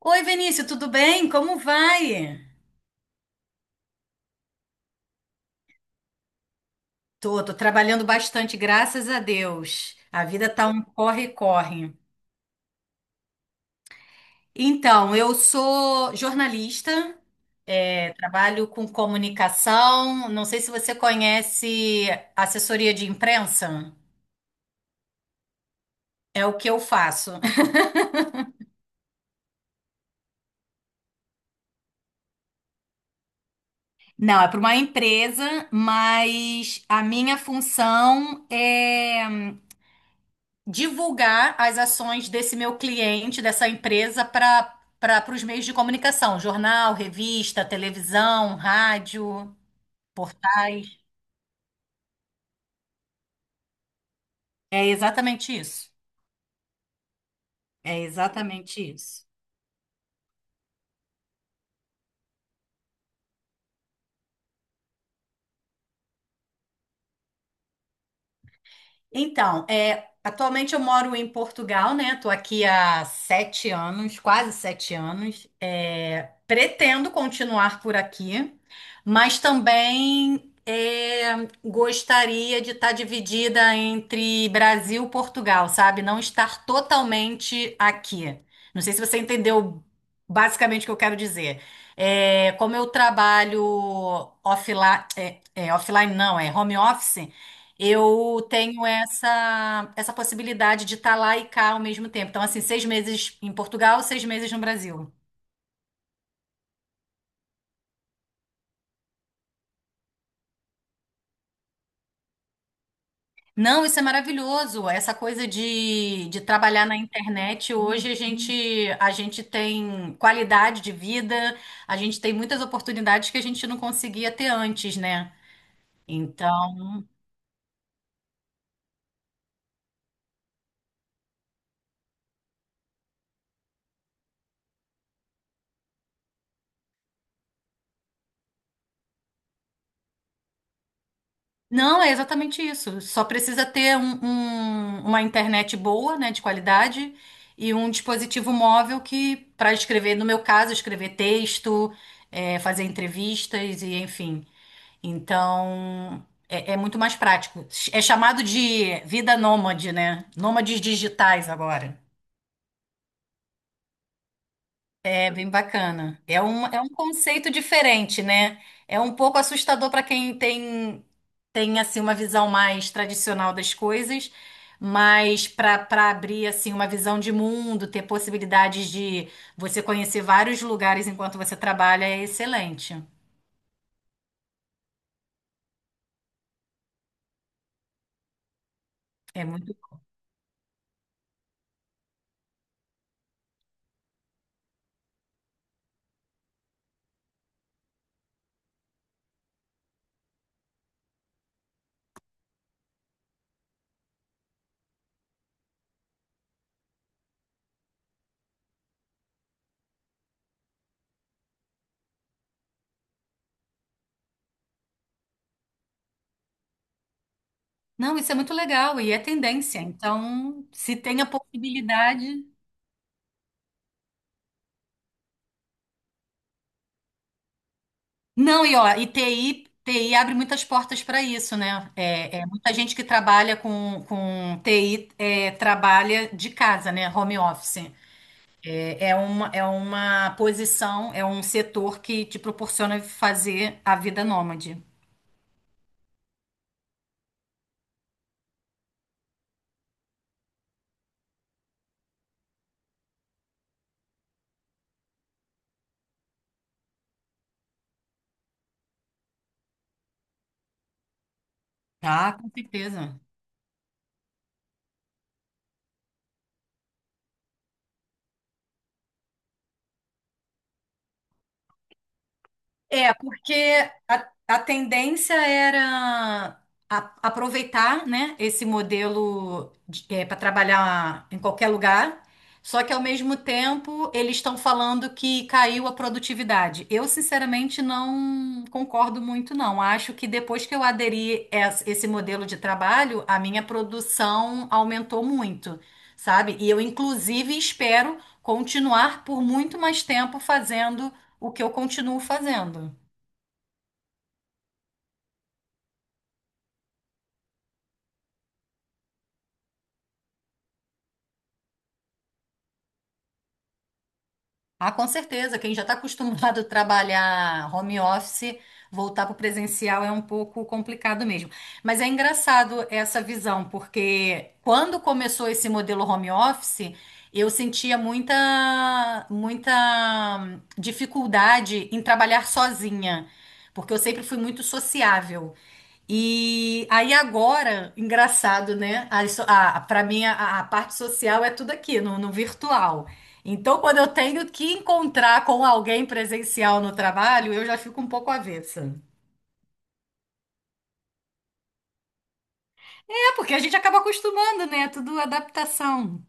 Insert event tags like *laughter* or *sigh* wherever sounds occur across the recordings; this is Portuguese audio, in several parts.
Oi, Vinícius, tudo bem? Como vai? Tô trabalhando bastante, graças a Deus. A vida tá um corre-corre. Então, eu sou jornalista, trabalho com comunicação. Não sei se você conhece assessoria de imprensa. É o que eu faço. *laughs* Não, é para uma empresa, mas a minha função é divulgar as ações desse meu cliente, dessa empresa, para os meios de comunicação, jornal, revista, televisão, rádio, portais. É exatamente isso. É exatamente isso. Então, atualmente eu moro em Portugal, né? Tô aqui há sete anos, quase sete anos. Pretendo continuar por aqui, mas também gostaria de estar dividida entre Brasil e Portugal, sabe? Não estar totalmente aqui. Não sei se você entendeu basicamente o que eu quero dizer. Como eu trabalho offline, offline não, é home office. Eu tenho essa possibilidade de estar lá e cá ao mesmo tempo. Então, assim, seis meses em Portugal, seis meses no Brasil. Não, isso é maravilhoso. Essa coisa de trabalhar na internet, hoje a gente tem qualidade de vida, a gente tem muitas oportunidades que a gente não conseguia ter antes, né? Então, não, é exatamente isso. Só precisa ter uma internet boa, né, de qualidade, e um dispositivo móvel que, para escrever, no meu caso, escrever texto, fazer entrevistas e enfim. Então, é muito mais prático. É chamado de vida nômade, né? Nômades digitais agora. É bem bacana. É um conceito diferente, né? É um pouco assustador para quem tem assim uma visão mais tradicional das coisas, mas para abrir assim uma visão de mundo, ter possibilidades de você conhecer vários lugares enquanto você trabalha é excelente. É muito. Não, isso é muito legal e é tendência. Então, se tem a possibilidade. Não, e ó, e TI abre muitas portas para isso, né? Muita gente que trabalha com TI trabalha de casa, né? Home office. É uma posição, é um setor que te proporciona fazer a vida nômade. Ah, com certeza. Porque a tendência era aproveitar, né, esse modelo para trabalhar em qualquer lugar, só que ao mesmo tempo eles estão falando que caiu a produtividade. Eu, sinceramente, não concordo muito, não. Acho que depois que eu aderi esse modelo de trabalho, a minha produção aumentou muito, sabe? E eu, inclusive, espero continuar por muito mais tempo fazendo o que eu continuo fazendo. Ah, com certeza, quem já está acostumado a trabalhar home office, voltar para o presencial é um pouco complicado mesmo. Mas é engraçado essa visão, porque quando começou esse modelo home office, eu sentia muita, muita dificuldade em trabalhar sozinha, porque eu sempre fui muito sociável. E aí agora, engraçado, né? Para mim, a parte social é tudo aqui, no virtual. Então, quando eu tenho que encontrar com alguém presencial no trabalho, eu já fico um pouco avessa. Porque a gente acaba acostumando, né? Tudo adaptação.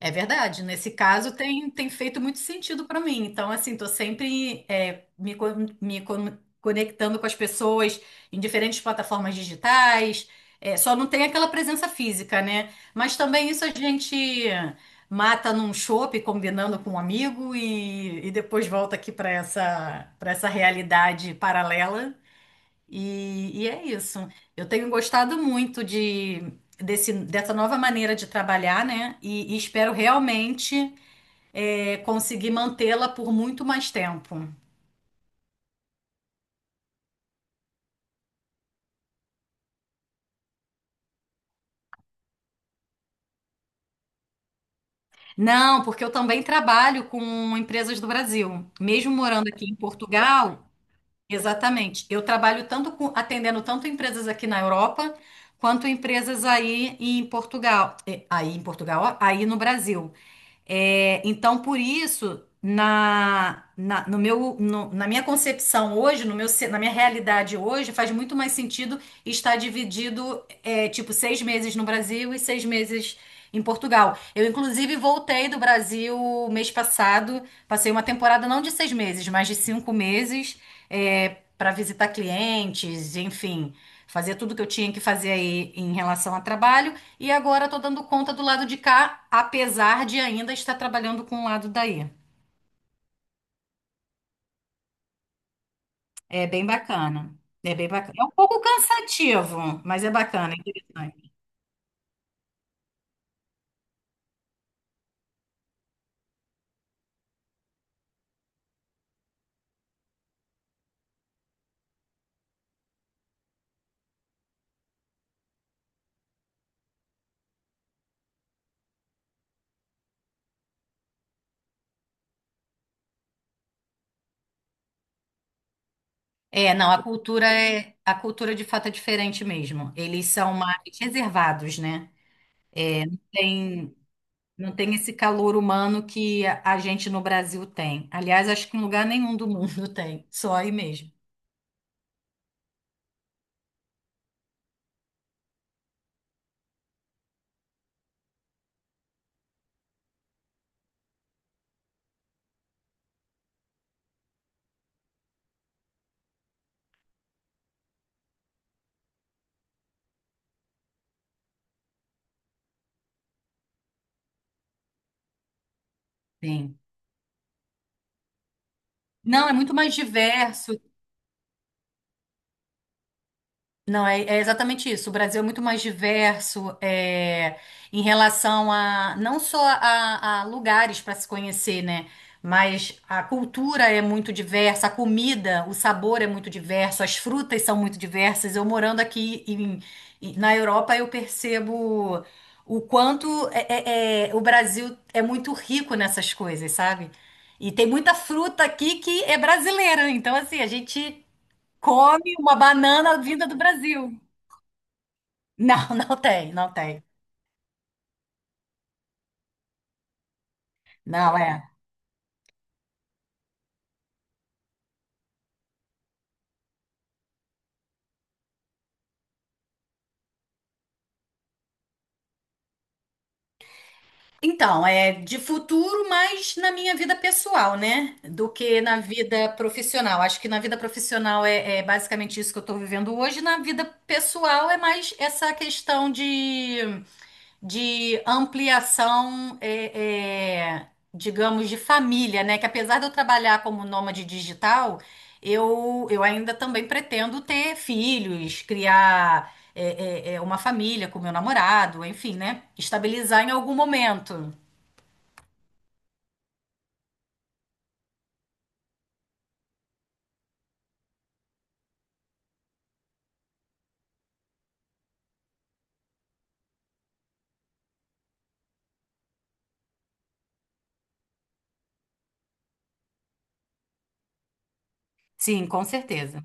É verdade, nesse caso tem feito muito sentido para mim. Então, assim, tô sempre me conectando com as pessoas em diferentes plataformas digitais. Só não tem aquela presença física, né? Mas também isso a gente mata num chopp, combinando com um amigo, e depois volta aqui para essa realidade paralela. E é isso. Eu tenho gostado muito dessa nova maneira de trabalhar, né? E espero realmente conseguir mantê-la por muito mais tempo. Não, porque eu também trabalho com empresas do Brasil. Mesmo morando aqui em Portugal, exatamente. Eu trabalho tanto com, atendendo tanto empresas aqui na Europa quanto empresas aí em Portugal, aí no Brasil. Então, por isso, na minha concepção hoje, no meu, ce- na minha realidade hoje, faz muito mais sentido estar dividido, tipo, seis meses no Brasil e seis meses em Portugal. Eu, inclusive, voltei do Brasil mês passado, passei uma temporada não de seis meses, mas de cinco meses, para visitar clientes, enfim, fazer tudo que eu tinha que fazer aí em relação a trabalho. E agora estou dando conta do lado de cá, apesar de ainda estar trabalhando com o lado daí. É bem bacana. É bem bacana. É um pouco cansativo, mas é bacana, é interessante. Não, a cultura é, a cultura de fato é diferente mesmo. Eles são mais reservados, né? Tem, não tem esse calor humano que a gente no Brasil tem. Aliás, acho que em lugar nenhum do mundo *laughs* tem, só aí mesmo. Tem. Não, é muito mais diverso. Não, é exatamente isso. O Brasil é muito mais diverso em relação a não só a lugares para se conhecer, né? Mas a cultura é muito diversa, a comida, o sabor é muito diverso, as frutas são muito diversas. Eu morando aqui na Europa, eu percebo o quanto o Brasil é muito rico nessas coisas, sabe? E tem muita fruta aqui que é brasileira. Então, assim, a gente come uma banana vinda do Brasil. *laughs* Não, não tem, não tem. Não, é. Então, é de futuro, mas na minha vida pessoal, né? Do que na vida profissional. Acho que na vida profissional é basicamente isso que eu estou vivendo hoje. Na vida pessoal é mais essa questão de ampliação, digamos, de família, né? Que apesar de eu trabalhar como nômade digital, eu ainda também pretendo ter filhos, criar uma família com meu namorado, enfim, né? Estabilizar em algum momento. Sim, com certeza.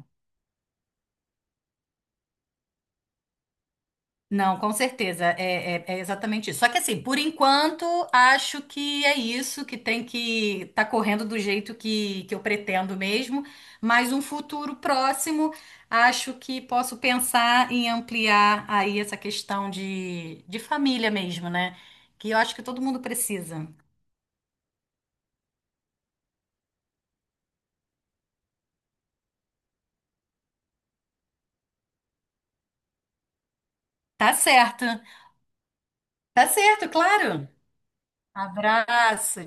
Não, com certeza, é exatamente isso. Só que assim, por enquanto, acho que é isso, que tem que tá correndo do jeito que eu pretendo mesmo, mas um futuro próximo, acho que posso pensar em ampliar aí essa questão de família mesmo, né? Que eu acho que todo mundo precisa. Tá certo, tá certo, claro. Abraço.